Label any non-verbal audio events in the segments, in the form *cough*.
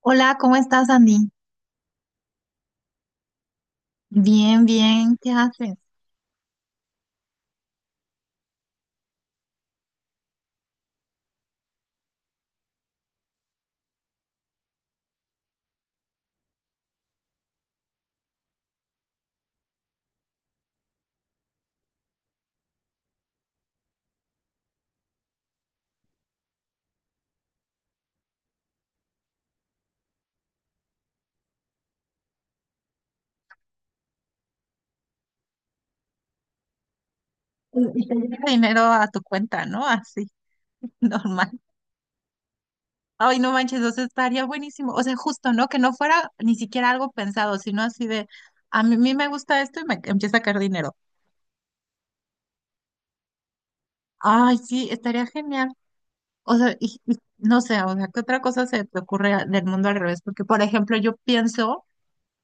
Hola, ¿cómo estás, Andy? Bien, bien, ¿qué haces? Y te llega dinero a tu cuenta, ¿no? Así, *laughs* normal. Ay, no manches, eso estaría buenísimo. O sea, justo, ¿no? Que no fuera ni siquiera algo pensado, sino así de, a mí me gusta esto y me empieza a caer dinero. Ay, sí, estaría genial. O sea, y no sé, o sea, ¿qué otra cosa se te ocurre del mundo al revés? Porque, por ejemplo, yo pienso,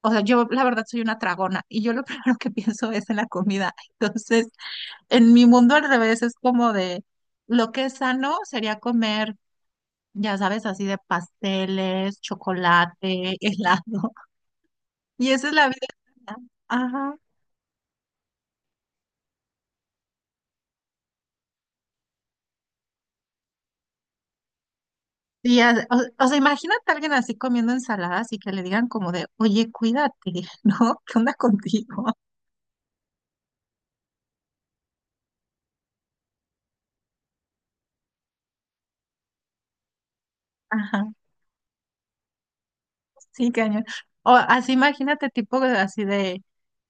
o sea, yo la verdad soy una tragona y yo lo *laughs* primero que pienso es en la comida. Entonces, en mi mundo al revés es como de lo que es sano sería comer, ya sabes, así de pasteles, chocolate, *laughs* helado. Y esa es la vida sana. Ajá. O sea, imagínate a alguien así comiendo ensaladas y que le digan como de, oye, cuídate, *laughs* ¿no? ¿Qué onda contigo? Ajá. Sí, cañón. O así imagínate, así de,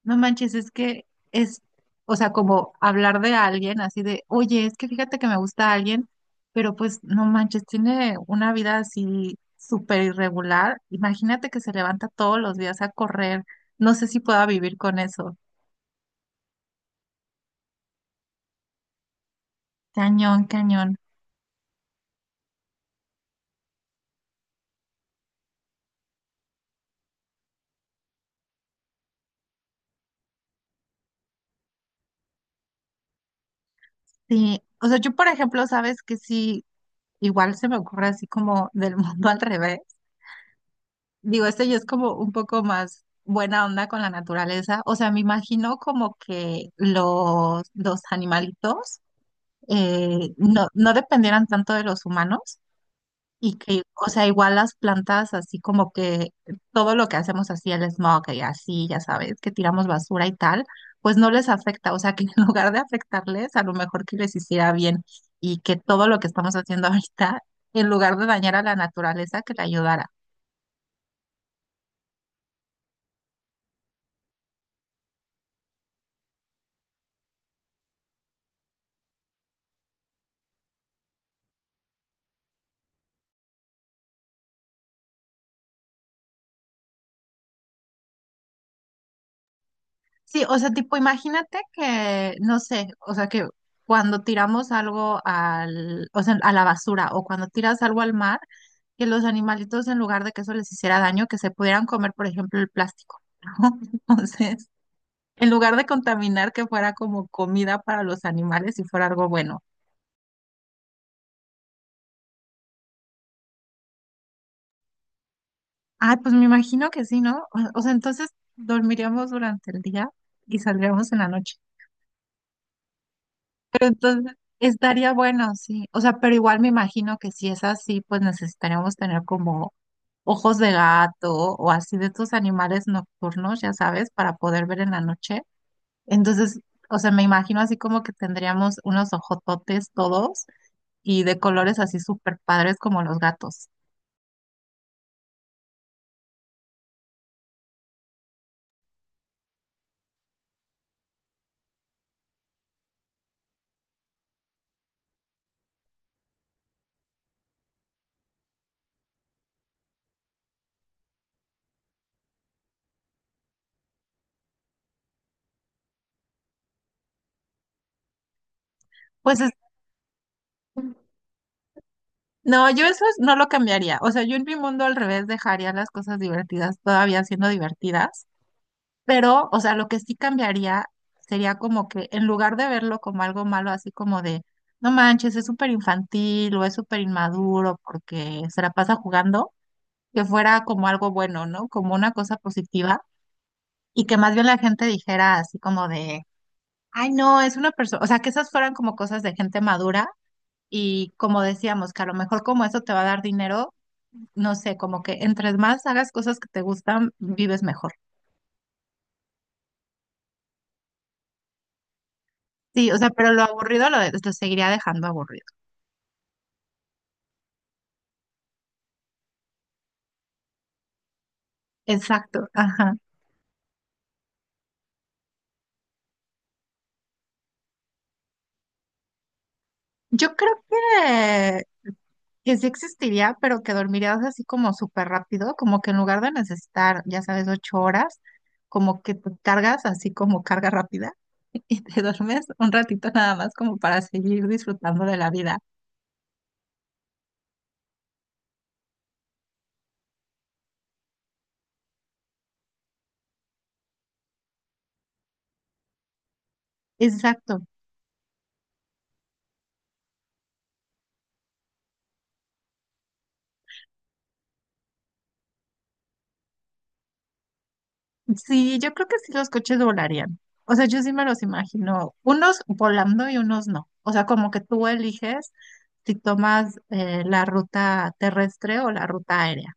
no manches, es, o sea, como hablar de alguien, así de, oye, es que fíjate que me gusta alguien, pero pues no manches, tiene una vida así súper irregular. Imagínate que se levanta todos los días a correr. No sé si pueda vivir con eso. Cañón, cañón. Sí, o sea, yo por ejemplo, sabes que sí, igual se me ocurre así como del *laughs* mundo al revés. Digo, este ya es como un poco más buena onda con la naturaleza. O sea, me imagino como que los animalitos no dependieran tanto de los humanos y que, o sea, igual las plantas, así como que todo lo que hacemos así, el smog y así, ya sabes, que tiramos basura y tal, pues no les afecta. O sea, que *laughs* en lugar de afectarles, a lo mejor que les hiciera bien y que todo lo que estamos haciendo ahorita, en lugar de dañar a la naturaleza, que le ayudara. Sí, o sea, tipo, imagínate que, no sé, o sea, que cuando o sea, a la basura o cuando tiras algo al mar, que los animalitos en lugar de que eso les hiciera daño, que se pudieran comer, por ejemplo, el plástico, ¿no? *laughs* Entonces, en lugar de contaminar, que fuera como comida para los animales y fuera algo bueno. Ah, pues me imagino que sí, ¿no? O sea, entonces dormiríamos durante el día y saldríamos en la noche. Entonces, estaría bueno, sí. O sea, pero igual me imagino que si es así, pues necesitaríamos tener como ojos de gato o así de estos animales nocturnos, ya sabes, para poder ver en la noche. Entonces, o sea, me imagino así como que tendríamos unos ojototes todos y de colores así súper padres como los gatos. Pues es- no, no lo cambiaría. O sea, yo en mi mundo al revés dejaría las cosas divertidas todavía siendo divertidas. Pero, o sea, lo que sí cambiaría sería como que en lugar de verlo como algo malo, así como de, no manches, es súper infantil o es súper inmaduro porque se la pasa jugando, que fuera como algo bueno, ¿no? Como una cosa positiva y que más bien la gente dijera así como de, ay, no, es una persona, o sea, que esas fueran como cosas de gente madura y como decíamos, que a lo mejor como eso te va a dar dinero, no sé, como que entre más hagas cosas que te gustan, vives mejor. Sí, o sea, pero lo aburrido lo seguiría dejando aburrido. Exacto, ajá. Yo creo que sí existiría, pero que dormirías así como súper rápido, como que en lugar de necesitar, ya sabes, ocho horas, como que te cargas así como carga rápida *laughs* y te duermes un ratito nada más como para seguir disfrutando de la vida. Exacto. Sí, yo creo que sí los coches volarían. O sea, yo sí me los imagino, unos volando y unos no. O sea, como que tú eliges si tomas la ruta terrestre o la ruta aérea.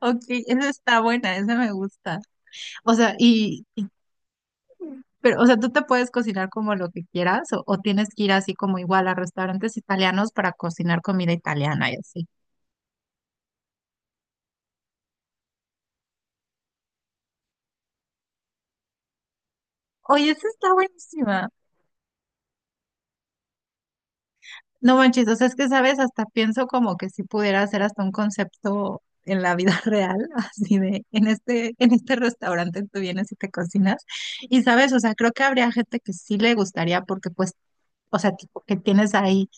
Ok, esa está buena, esa me gusta. O sea, y, pero, o sea, tú te puedes cocinar como lo que quieras o tienes que ir así como igual a restaurantes italianos para cocinar comida italiana y así. Oye, esa está buenísima. No manches, o sea, es que sabes, hasta pienso como que si pudiera hacer hasta un concepto en la vida *laughs* real, así de, en este restaurante tú vienes y te cocinas. Y sabes, o sea, creo que habría gente que sí le gustaría porque pues, o sea, tipo, que tienes ahí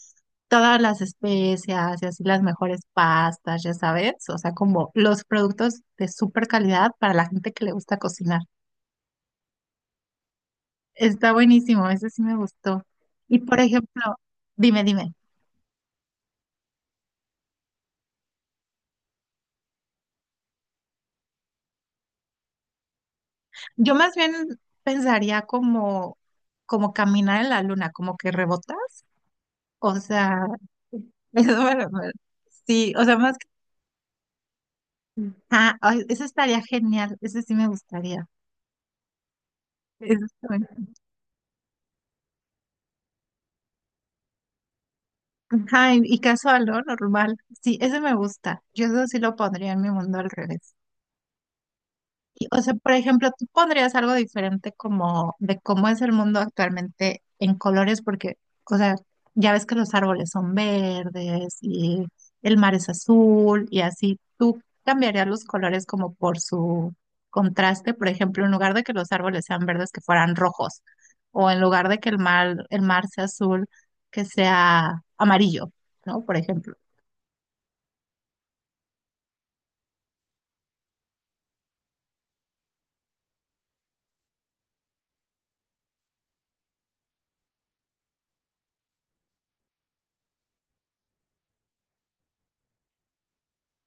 todas las especias y así las mejores pastas, ya sabes, o sea, como los productos de súper calidad para la gente que le gusta cocinar. Está buenísimo, ese sí me gustó. Y por ejemplo, dime, dime, yo más bien pensaría como caminar en la luna, como que rebotas, o sea, *laughs* eso me- me- sí, o sea, más que, ah, ay, ese estaría genial, ese sí me gustaría. Eso está. Ajá, y casual, ¿no? Normal. Sí, ese me gusta. Yo eso sí lo pondría en mi mundo al revés. Y, o sea, por ejemplo, tú pondrías algo diferente como de cómo es el mundo actualmente en colores, porque, o sea, ya ves que los árboles son verdes y el mar es azul y así. ¿Tú cambiarías los colores como por su contraste? Por ejemplo, en lugar de que los árboles sean verdes, que fueran rojos, o en lugar de que el mar sea azul, que sea amarillo, ¿no? Por ejemplo.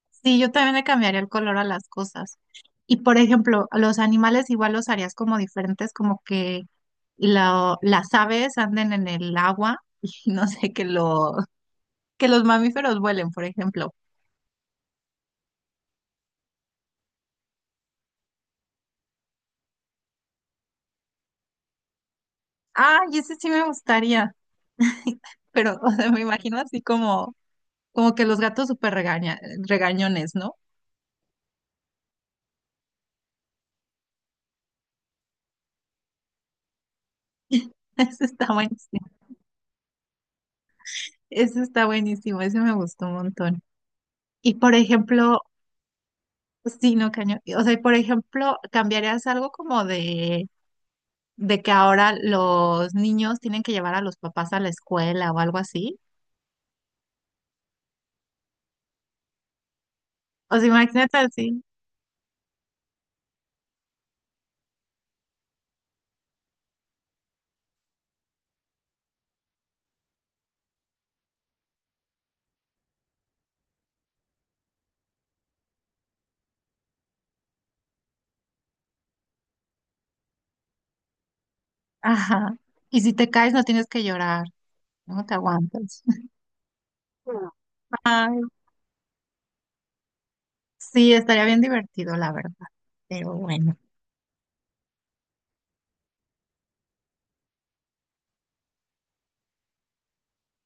Sí, yo también le cambiaría el color a las cosas. Y por ejemplo, a los animales igual los harías como diferentes, como que las aves anden en el agua *laughs* y no sé, que los mamíferos vuelen, por ejemplo. Ah, y ese sí me gustaría, *laughs* pero o sea, me imagino así como, como que los gatos regañones, ¿no? *laughs* Ese está buenísimo, ese está buenísimo, ese me gustó un montón. Y por ejemplo, sí, no, cañón. O sea, y por ejemplo, ¿cambiarías algo como de que ahora los niños tienen que llevar a los papás a la escuela o algo así? O sea, imagínate así. Ajá. Y si te caes, no tienes que llorar, no te aguantas. *laughs* Ay, sí, estaría bien divertido, la verdad. Pero bueno.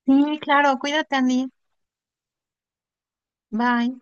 Sí, claro, cuídate, Andy. Bye.